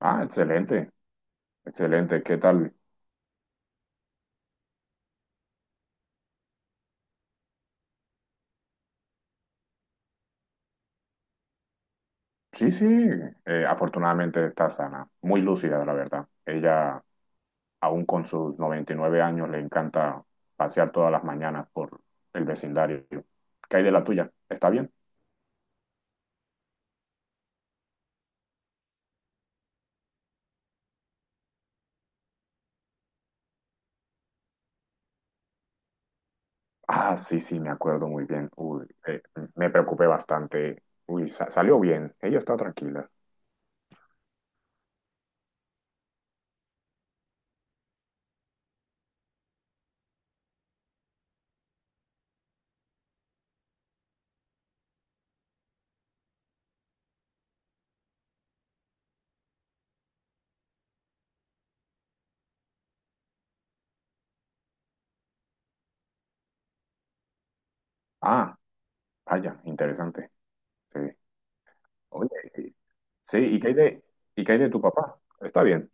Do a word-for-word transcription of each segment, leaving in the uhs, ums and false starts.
Ah, excelente, excelente. ¿Qué tal? Sí, sí, eh, afortunadamente está sana, muy lúcida, la verdad. Ella, aún con sus noventa y nueve años, le encanta pasear todas las mañanas por el vecindario. ¿Qué hay de la tuya? ¿Está bien? Ah, sí, sí, me acuerdo muy bien. Uy, eh, me preocupé bastante. Uy, sa- salió bien. Ella está tranquila. Ah, vaya, interesante. Sí. Oye, sí, ¿y qué hay de, ¿y qué hay de tu papá? Está bien.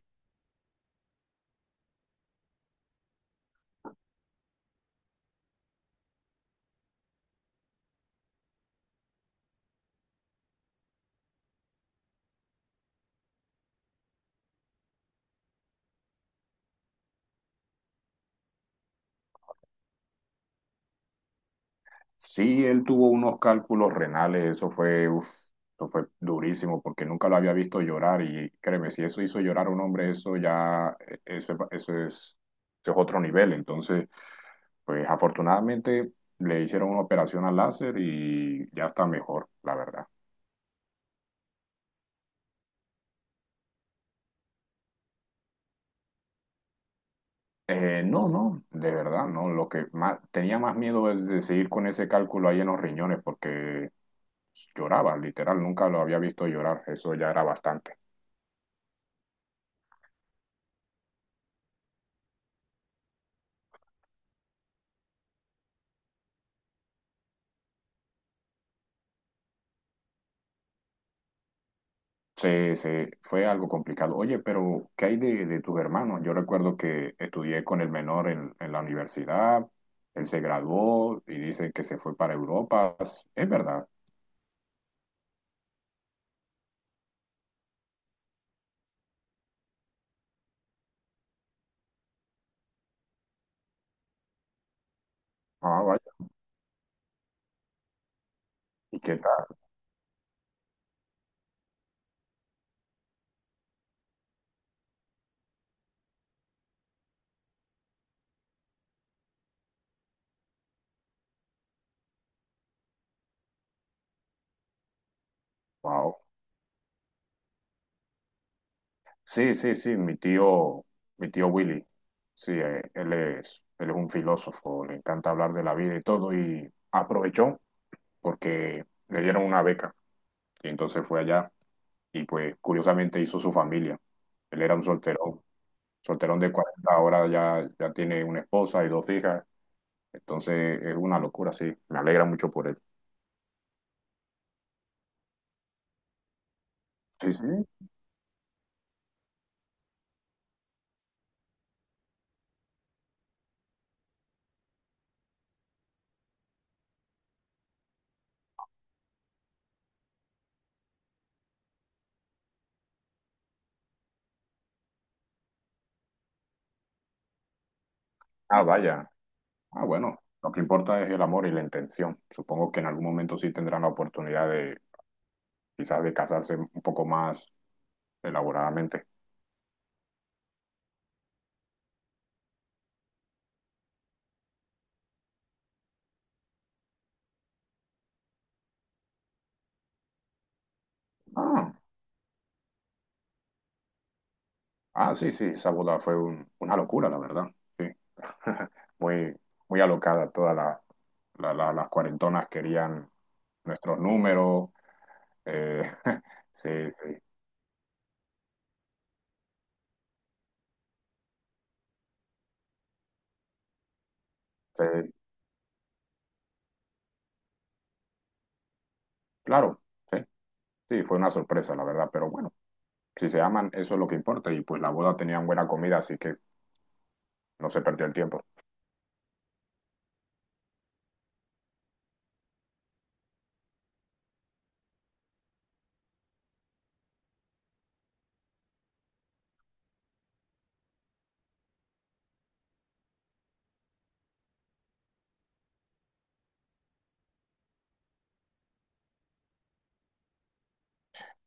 Sí, él tuvo unos cálculos renales, eso fue, uf, eso fue durísimo porque nunca lo había visto llorar y créeme, si eso hizo llorar a un hombre, eso ya, eh, eso, eso es, eso es otro nivel. Entonces, pues afortunadamente le hicieron una operación al láser y ya está mejor, la verdad. Eh, no, no, de verdad, no. Lo que más tenía más miedo es de seguir con ese cálculo ahí en los riñones, porque lloraba, literal, nunca lo había visto llorar, eso ya era bastante. Se, se fue algo complicado. Oye, pero ¿qué hay de, ¿de tus hermanos? Yo recuerdo que estudié con el menor en, en la universidad, él se graduó y dice que se fue para Europa. Es verdad. Ah, vaya. ¿Y qué tal? Wow. Sí, sí, sí, mi tío, mi tío Willy. Sí, eh, él es, él es un filósofo, le encanta hablar de la vida y todo, y aprovechó porque le dieron una beca. Y entonces fue allá y pues curiosamente hizo su familia. Él era un solterón, solterón de cuarenta ahora ya, ya tiene una esposa y dos hijas, entonces es una locura, sí, me alegra mucho por él. Sí, sí. Ah, vaya. Ah, bueno, lo que importa es el amor y la intención. Supongo que en algún momento sí tendrán la oportunidad de quizás de casarse un poco más elaboradamente. Ah. Ah, sí, sí, esa boda fue un- una locura, la verdad. Sí. Muy, muy alocada. Todas la- la- la- Las cuarentonas querían nuestros números. Eh, sí, sí, sí, claro, sí, sí, fue una sorpresa, la verdad. Pero bueno, si se aman, eso es lo que importa. Y pues la boda tenían buena comida, así que no se perdió el tiempo.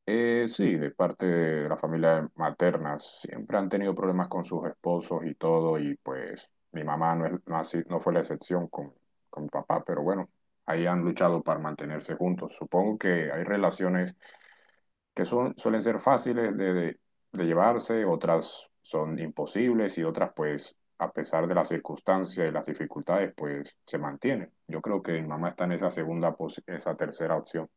Eh, sí, de parte de la familia materna, siempre han tenido problemas con sus esposos y todo, y pues mi mamá no, es- no, ha sido- no fue la excepción con, con mi papá, pero bueno, ahí han luchado para mantenerse juntos. Supongo que hay relaciones que son, suelen ser fáciles de, de, de llevarse, otras son imposibles y otras pues a pesar de las circunstancias y las dificultades pues se mantienen. Yo creo que mi mamá está en esa segunda, pos- esa tercera opción.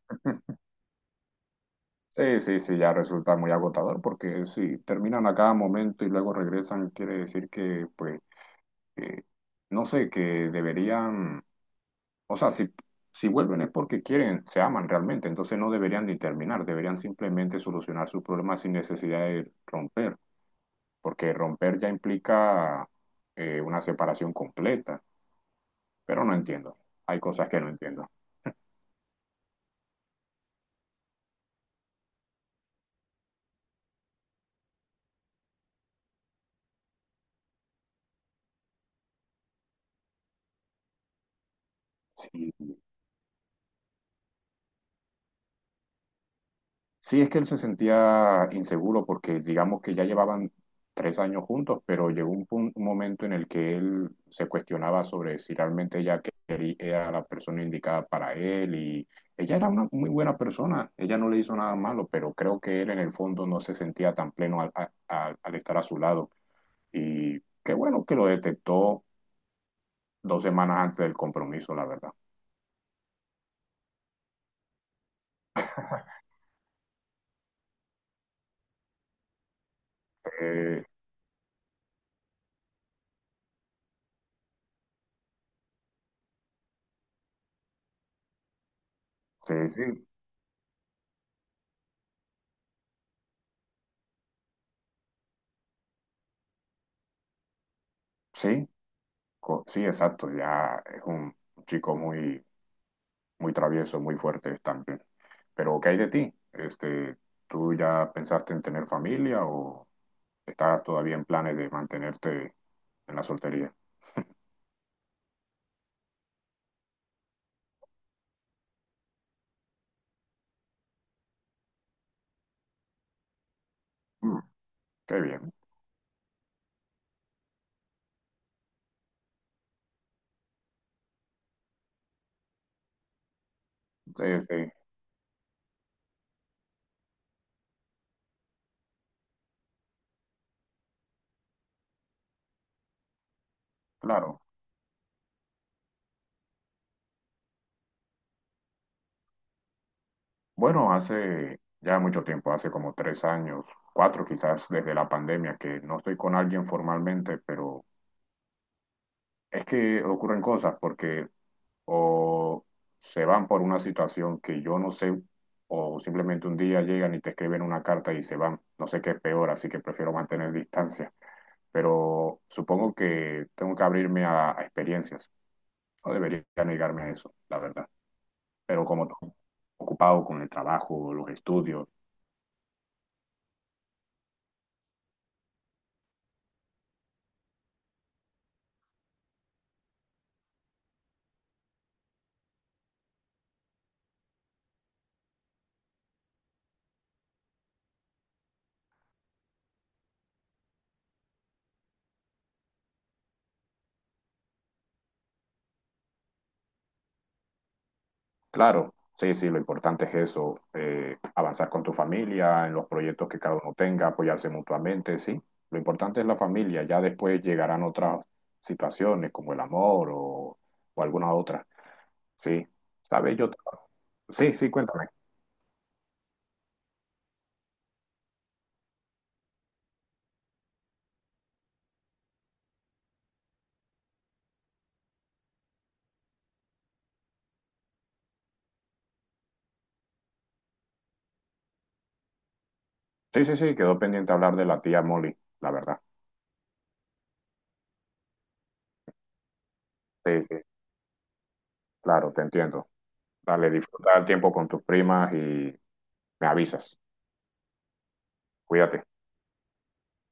Sí, sí, sí, ya resulta muy agotador porque si terminan a cada momento y luego regresan, quiere decir que, pues, que, no sé, que deberían, o sea, si, si vuelven es porque quieren, se aman realmente, entonces no deberían de terminar, deberían simplemente solucionar sus problemas sin necesidad de romper, porque romper ya implica eh, una separación completa, pero no entiendo, hay cosas que no entiendo. Sí. Sí, es que él se sentía inseguro porque digamos que ya llevaban tres años juntos, pero llegó un, pun- un momento en el que él se cuestionaba sobre si realmente ella que- querí- era la persona indicada para él y ella era una muy buena persona, ella no le hizo nada malo, pero creo que él en el fondo no se sentía tan pleno al, a- a- al estar a su lado y qué bueno que lo detectó dos semanas antes del compromiso, la verdad. Eh, Sí, sí. Sí, co- sí, exacto, ya es un chico muy muy traviesos, muy fuertes también. Pero, ¿qué hay de ti? Este, ¿tú ya pensaste en tener familia o estás todavía en planes de mantenerte en la soltería? Mm, qué bien. Sí, sí, claro. Bueno, hace ya mucho tiempo, hace como tres años, cuatro quizás desde la pandemia, que no estoy con alguien formalmente, pero es que ocurren cosas porque o se van por una situación que yo no sé, o simplemente un día llegan y te escriben una carta y se van. No sé qué es peor, así que prefiero mantener distancia. Pero supongo que tengo que abrirme a, a experiencias. No debería negarme a eso, la verdad. Pero como ocupado con el trabajo, los estudios, claro, sí, sí, lo importante es eso, eh, avanzar con tu familia, en los proyectos que cada uno tenga, apoyarse mutuamente, sí. Lo importante es la familia, ya después llegarán otras situaciones como el amor o, o alguna otra. Sí, ¿sabes? Yo... Sí, sí, cuéntame. Sí, sí, sí, quedó pendiente hablar de la tía Molly, la verdad. Sí, sí, claro, te entiendo. Dale, disfruta el tiempo con tus primas y me avisas. Cuídate.